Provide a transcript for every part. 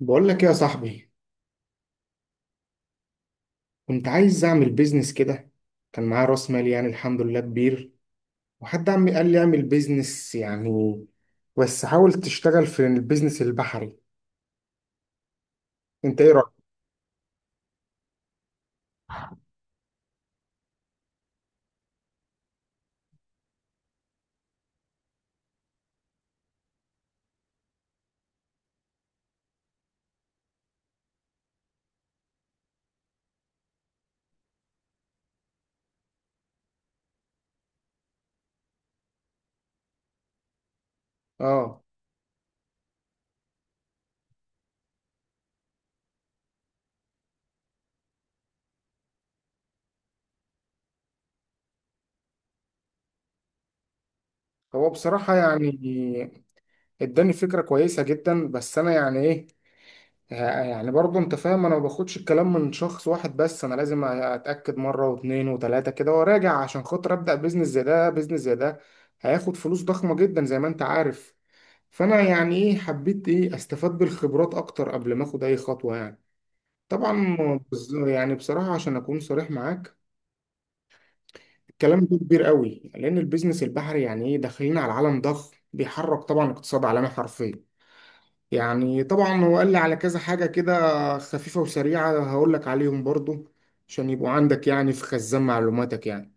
بقول لك إيه يا صاحبي؟ كنت عايز اعمل بيزنس كده، كان معايا راس مال يعني الحمد لله كبير، وحد عمي قال لي اعمل بيزنس يعني، بس حاول تشتغل في البيزنس البحري. انت ايه رأيك؟ اه. هو بصراحة يعني اداني فكرة كويسة جدا، بس انا يعني ايه، يعني برضه انت فاهم، انا ما باخدش الكلام من شخص واحد بس، انا لازم اتاكد مره واثنين وثلاثه كده وراجع عشان خاطر ابدا بيزنس زي ده. بيزنس زي ده هياخد فلوس ضخمه جدا زي ما انت عارف، فانا يعني ايه حبيت ايه استفاد بالخبرات اكتر قبل ما اخد اي خطوه يعني. طبعا، يعني بصراحه عشان اكون صريح معاك، الكلام ده كبير قوي، لان البيزنس البحري يعني ايه داخلين على عالم ضخم بيحرك طبعا اقتصاد عالمي حرفيا. يعني طبعا هو قال لي على كذا حاجة كده خفيفة وسريعة، هقول لك عليهم برضو عشان يبقوا عندك يعني في خزان معلوماتك يعني.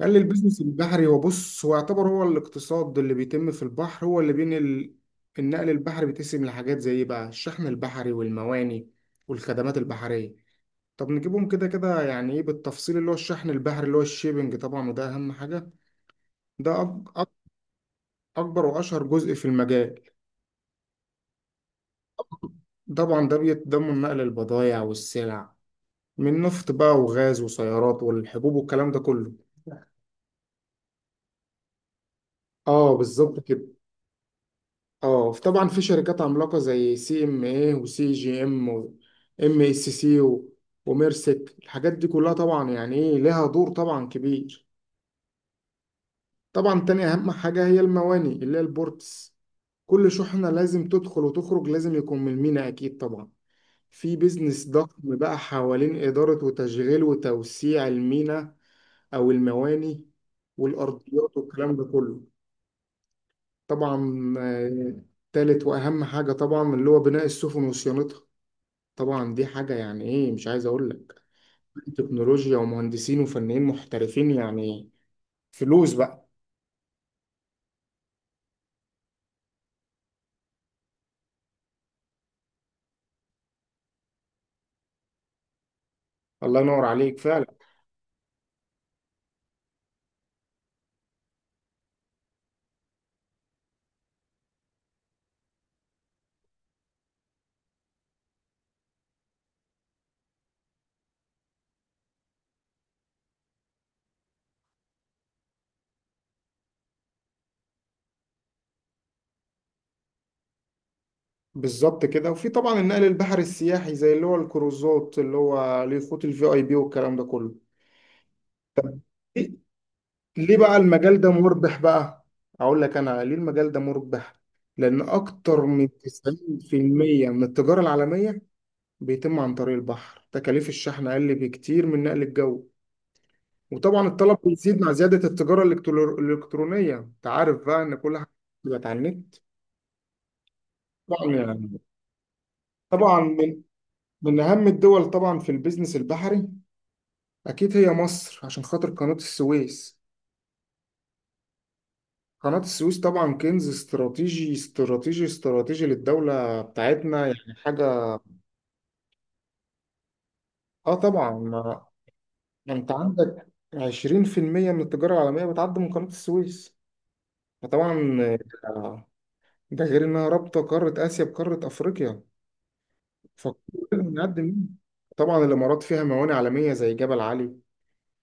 قال لي البيزنس البحري هو، بص، هو يعتبر هو الاقتصاد اللي بيتم في البحر، هو اللي بين النقل البحري. بيتقسم لحاجات زي إيه بقى: الشحن البحري والمواني والخدمات البحرية. طب نجيبهم كده كده يعني ايه بالتفصيل. اللي هو الشحن البحري اللي هو الشيبنج طبعا، وده اهم حاجة. ده أكبر وأشهر جزء في المجال. طبعا ده بيتضمن نقل البضائع والسلع، من نفط بقى وغاز وسيارات والحبوب والكلام ده كله. اه بالظبط كده. اه طبعا، في شركات عملاقه زي سي ام اي وسي جي ام وام اس سي وميرسك، الحاجات دي كلها طبعا يعني ايه لها دور طبعا كبير. طبعا تاني اهم حاجه هي المواني اللي هي البورتس، كل شحنه لازم تدخل وتخرج لازم يكون من الميناء اكيد طبعا. في بيزنس ضخم بقى حوالين اداره وتشغيل وتوسيع الميناء او المواني والارضيات والكلام ده كله. طبعا آه، تالت واهم حاجه طبعا اللي هو بناء السفن وصيانتها، طبعا دي حاجه يعني ايه مش عايز اقول لك، تكنولوجيا ومهندسين وفنيين محترفين يعني، فلوس بقى. الله ينور عليك فعلا. بالظبط كده، وفي طبعا النقل البحري السياحي زي اللي هو الكروزات اللي هو ليه خطوط الفي اي بي والكلام ده كله. ليه؟ ليه بقى المجال ده مربح بقى؟ اقول لك انا ليه المجال ده مربح. لان اكتر من 90% من التجاره العالميه بيتم عن طريق البحر. تكاليف الشحن أقل بكتير من نقل الجو، وطبعا الطلب بيزيد مع زيادة التجارة الإلكترونية، أنت عارف بقى إن كل حاجة بقت على النت. طبعا يعني. طبعا من أهم الدول طبعا في البيزنس البحري أكيد هي مصر عشان خاطر قناة السويس. قناة السويس طبعا كنز استراتيجي استراتيجي استراتيجي للدولة بتاعتنا، يعني حاجة. آه طبعا، ما أنت عندك 20% من التجارة العالمية بتعدي من قناة السويس. فطبعا، ده غير انها رابطه قاره اسيا بقاره افريقيا، فلازم نقدم منها. طبعا الامارات فيها موانئ عالميه زي جبل علي،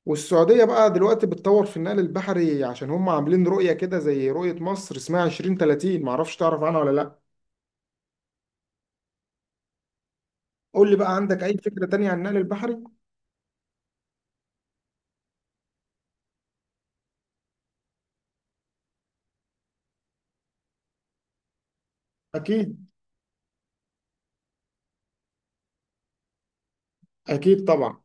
والسعوديه بقى دلوقتي بتطور في النقل البحري عشان هم عاملين رؤيه كده زي رؤيه مصر اسمها 2030، معرفش تعرف عنها ولا لا. قول لي بقى عندك اي فكره تانية عن النقل البحري. اكيد، اكيد طبعا.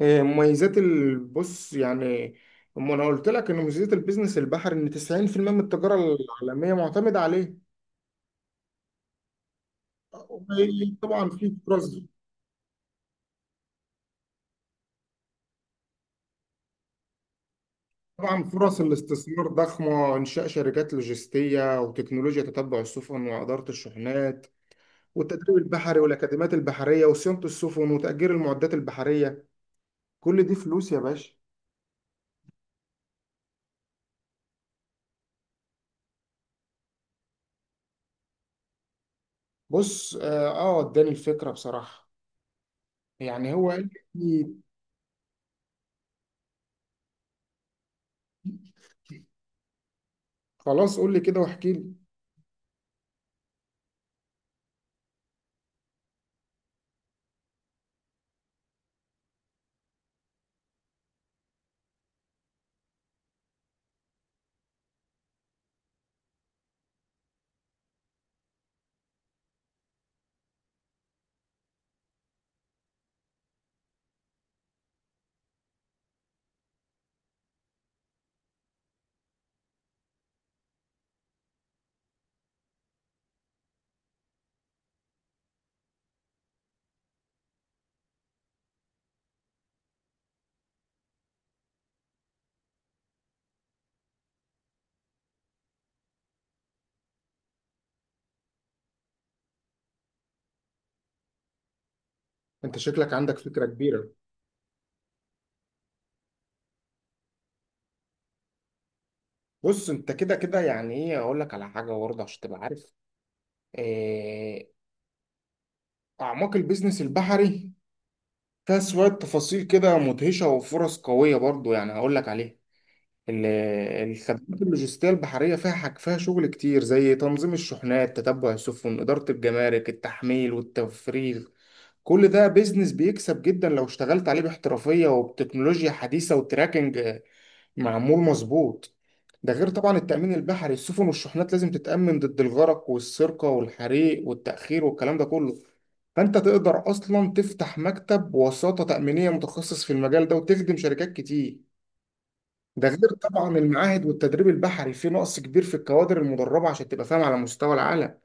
إيه مميزات البص يعني؟ أما انا قلت لك ان مميزات البيزنس البحري ان 90% من التجاره العالميه معتمده عليه. طبعا في فرص، طبعا فرص الاستثمار ضخمة: إنشاء شركات لوجستية، وتكنولوجيا تتبع السفن، وإدارة الشحنات، والتدريب البحري، والأكاديميات البحرية، وصيانة السفن، وتأجير المعدات البحرية. كل دي فلوس يا باشا. بص، آه آه، اداني الفكرة بصراحة، يعني هو قال لي. خلاص قول لي كده واحكي لي. أنت شكلك عندك فكرة كبيرة. بص، أنت كده كده يعني إيه أقول لك على حاجة برضه عشان تبقى عارف. آه. أعماق البيزنس البحري فيها شوية تفاصيل كده مدهشة وفرص قوية برضو، يعني هقول لك عليها. ال- الخدمات اللوجستية البحرية فيها حاج، فيها شغل كتير زي تنظيم الشحنات، تتبع السفن، إدارة الجمارك، التحميل والتفريغ. كل ده بيزنس بيكسب جدا لو اشتغلت عليه باحترافية وبتكنولوجيا حديثة وتراكنج معمول مظبوط. ده غير طبعا التأمين البحري، السفن والشحنات لازم تتأمن ضد الغرق والسرقة والحريق والتأخير والكلام ده كله. فأنت تقدر أصلا تفتح مكتب وساطة تأمينية متخصص في المجال ده وتخدم شركات كتير. ده غير طبعا المعاهد والتدريب البحري، في نقص كبير في الكوادر المدربة عشان تبقى فاهم على مستوى العالم.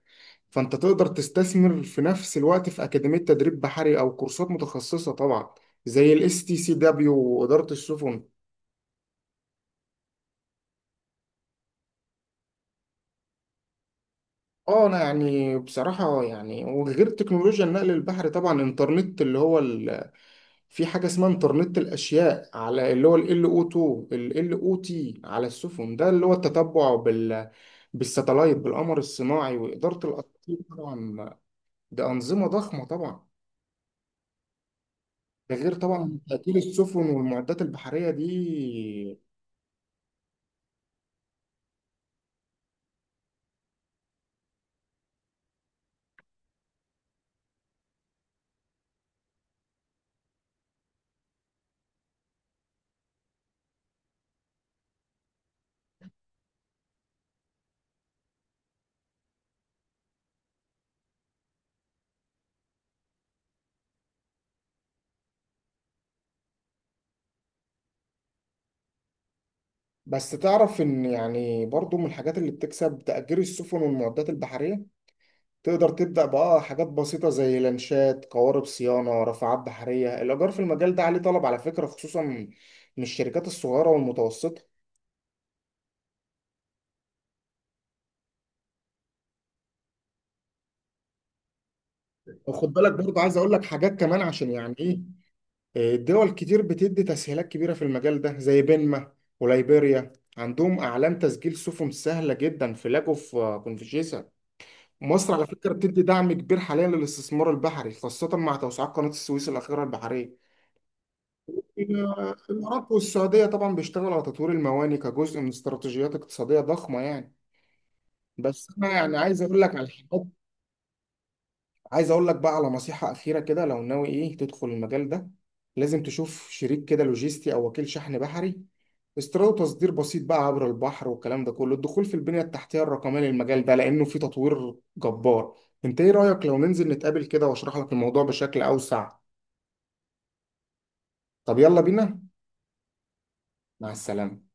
فأنت تقدر تستثمر في نفس الوقت في أكاديمية تدريب بحري أو كورسات متخصصة طبعا زي الاس تي سي دبليو وإدارة السفن. اه انا يعني بصراحة يعني، وغير تكنولوجيا النقل البحري طبعا، انترنت اللي هو في حاجة اسمها انترنت الاشياء، على اللي هو ال LO2، ال LOT على السفن، ده اللي هو التتبع بالستلايت بالقمر الصناعي وإدارة الأساطير طبعا. ده أنظمة ضخمة طبعا. ده غير طبعا تأثير السفن والمعدات البحرية دي. بس تعرف إن يعني برضو من الحاجات اللي بتكسب تأجير السفن والمعدات البحرية. تقدر تبدأ بقى حاجات بسيطة زي لانشات، قوارب صيانة، رافعات بحرية. الإيجار في المجال ده عليه طلب على فكرة، خصوصا من الشركات الصغيرة والمتوسطة. وخد بالك برضه، عايز أقول لك حاجات كمان عشان يعني إيه، آه، دول كتير بتدي تسهيلات كبيرة في المجال ده زي بنما وليبيريا، عندهم أعلان تسجيل سفن سهلة جدا في لاجو، في آه، كونفشيسا. مصر على فكرة بتدي دعم كبير حاليا للاستثمار البحري، خاصة مع توسعات قناة السويس الأخيرة البحرية. الإمارات والسعودية طبعا بيشتغلوا على تطوير المواني كجزء من استراتيجيات اقتصادية ضخمة يعني. بس أنا يعني عايز أقول لك على حاجات، عايز أقول لك بقى على نصيحة أخيرة كده لو ناوي إيه تدخل المجال ده. لازم تشوف شريك كده لوجيستي أو وكيل شحن بحري، استيراد وتصدير بسيط بقى عبر البحر والكلام ده كله، الدخول في البنية التحتية الرقمية للمجال ده لأنه فيه تطوير جبار. أنت إيه رأيك لو ننزل نتقابل كده وأشرح لك الموضوع بشكل أوسع؟ طب يلا بينا. مع السلامة.